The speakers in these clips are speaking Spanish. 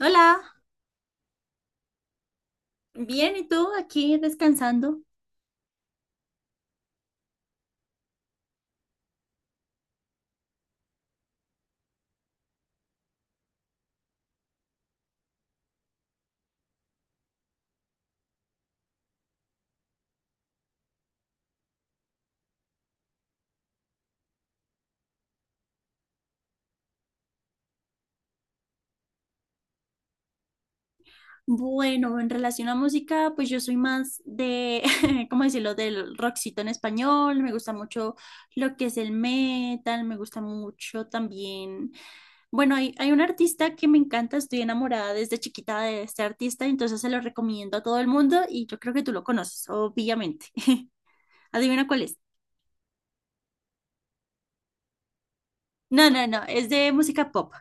Hola, bien, ¿y tú? Aquí descansando. Bueno, en relación a música, pues yo soy más de, ¿cómo decirlo?, del rockcito en español. Me gusta mucho lo que es el metal, me gusta mucho también. Bueno, hay un artista que me encanta, estoy enamorada desde chiquita de este artista, entonces se lo recomiendo a todo el mundo y yo creo que tú lo conoces, obviamente. Adivina cuál es. No, no, no, es de música pop.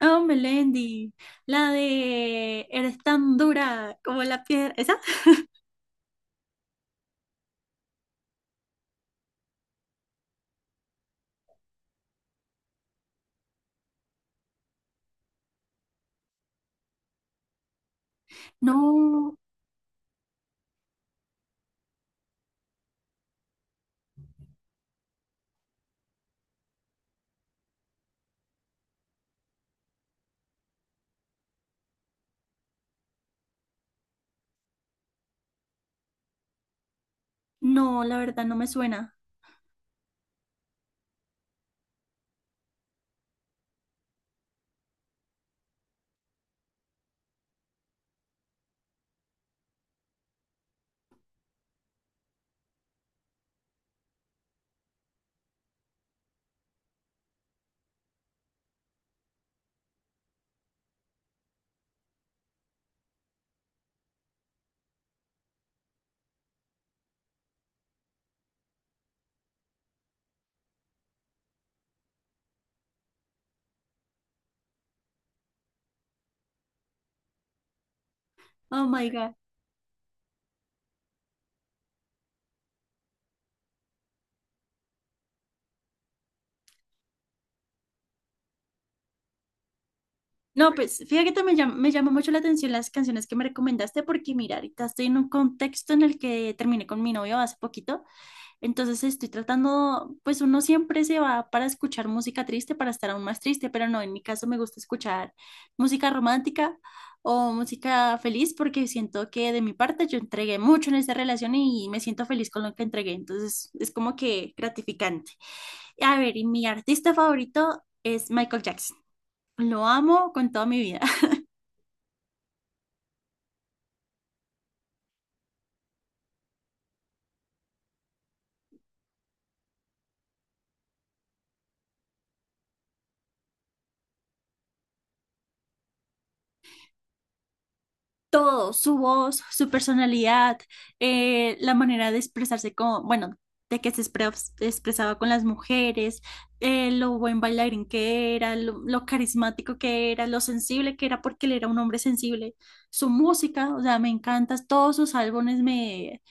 Oh, Melendi, la de Eres tan dura como la piedra. ¿Esa? No, no, la verdad no me suena. Oh my God. No, pues fíjate que me llama mucho la atención las canciones que me recomendaste porque mira, ahorita estoy en un contexto en el que terminé con mi novio hace poquito. Entonces estoy tratando, pues uno siempre se va para escuchar música triste, para estar aún más triste, pero no, en mi caso me gusta escuchar música romántica o música feliz porque siento que de mi parte yo entregué mucho en esta relación y me siento feliz con lo que entregué, entonces es como que gratificante. A ver, y mi artista favorito es Michael Jackson. Lo amo con toda mi vida. Todo, su voz, su personalidad, la manera de expresarse con, bueno, de que se expre- expresaba con las mujeres, lo buen bailarín que era, lo carismático que era, lo sensible que era, porque él era un hombre sensible. Su música, o sea, me encanta, todos sus álbumes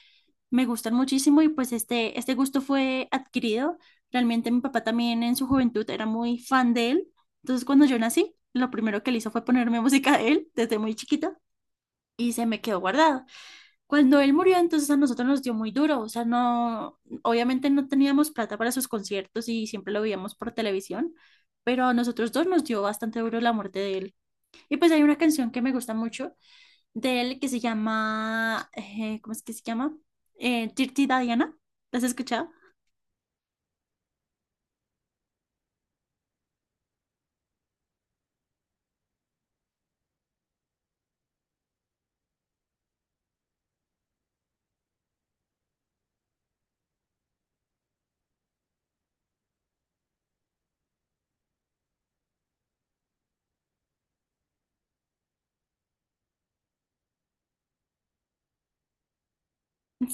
me gustan muchísimo y pues este gusto fue adquirido. Realmente mi papá también en su juventud era muy fan de él. Entonces cuando yo nací, lo primero que él hizo fue ponerme música de él desde muy chiquita y se me quedó guardado. Cuando él murió, entonces a nosotros nos dio muy duro, o sea, no, obviamente no teníamos plata para sus conciertos y siempre lo veíamos por televisión, pero a nosotros dos nos dio bastante duro la muerte de él. Y pues hay una canción que me gusta mucho de él que se llama, ¿cómo es que se llama? Dirty Diana, ¿la has escuchado?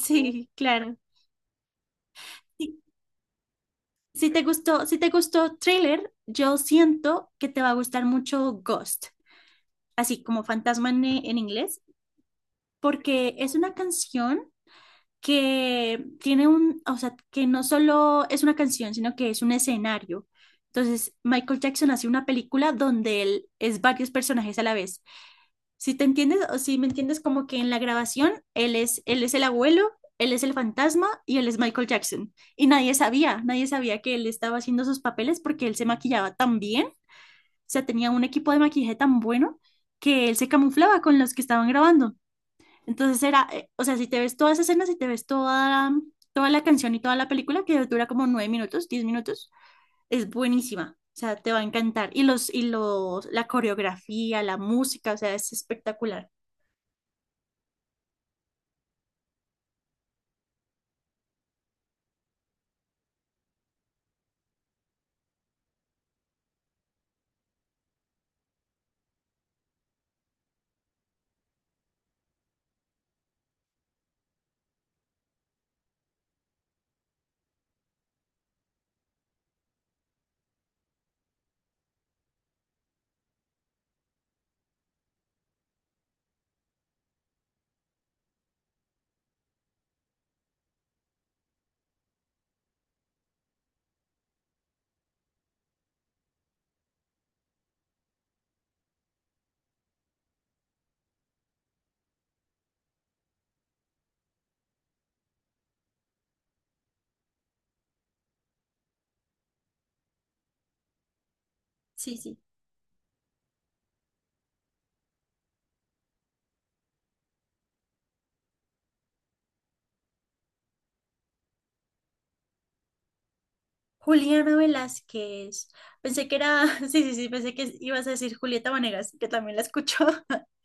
Sí, claro. Sí. Si te gustó Thriller, yo siento que te va a gustar mucho Ghost, así como fantasma en inglés. Porque es una canción que tiene o sea, que no solo es una canción, sino que es un escenario. Entonces, Michael Jackson hace una película donde él es varios personajes a la vez. Si te entiendes o si me entiendes como que en la grabación él es el abuelo, él es el fantasma y él es Michael Jackson. Y nadie sabía que él estaba haciendo sus papeles porque él se maquillaba tan bien, o sea, tenía un equipo de maquillaje tan bueno que él se camuflaba con los que estaban grabando. Entonces o sea, si te ves todas esas escenas, si te ves toda, toda la canción y toda la película, que dura como nueve minutos, diez minutos, es buenísima. O sea, te va a encantar. La coreografía, la música, o sea, es espectacular. Sí, sí. Juliana Velázquez. Pensé que era, sí, sí, sí, pensé que ibas a decir Julieta Vanegas, que también la escucho.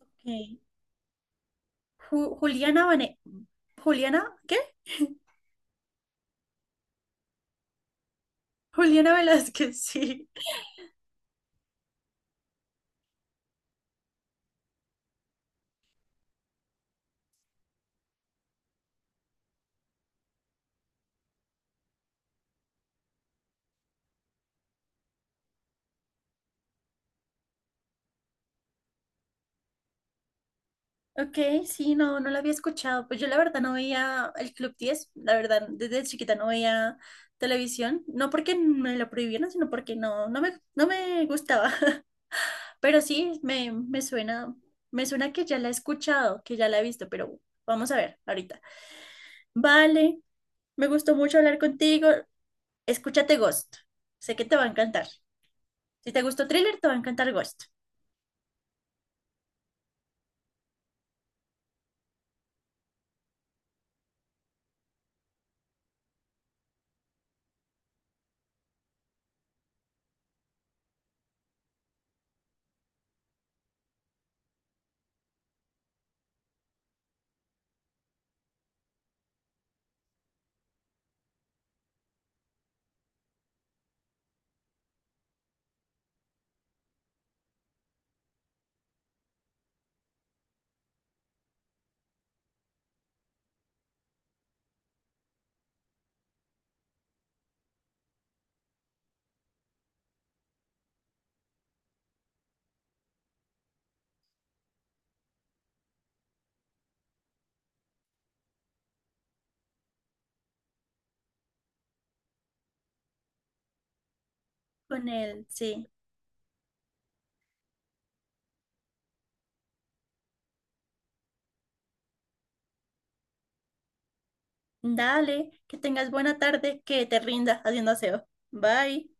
Ok. Juliana Vane... Juliana, ¿qué? Juliana Velázquez, sí. Ok, sí, no, no la había escuchado. Pues yo la verdad no veía el Club 10, la verdad, desde chiquita no veía televisión, no porque me lo prohibieran, sino porque no me gustaba. Pero sí, me suena que ya la he escuchado, que ya la he visto, pero vamos a ver ahorita. Vale, me gustó mucho hablar contigo. Escúchate Ghost. Sé que te va a encantar. Si te gustó Thriller, te va a encantar Ghost. Con él, sí. Dale, que tengas buena tarde, que te rinda haciendo aseo. Bye.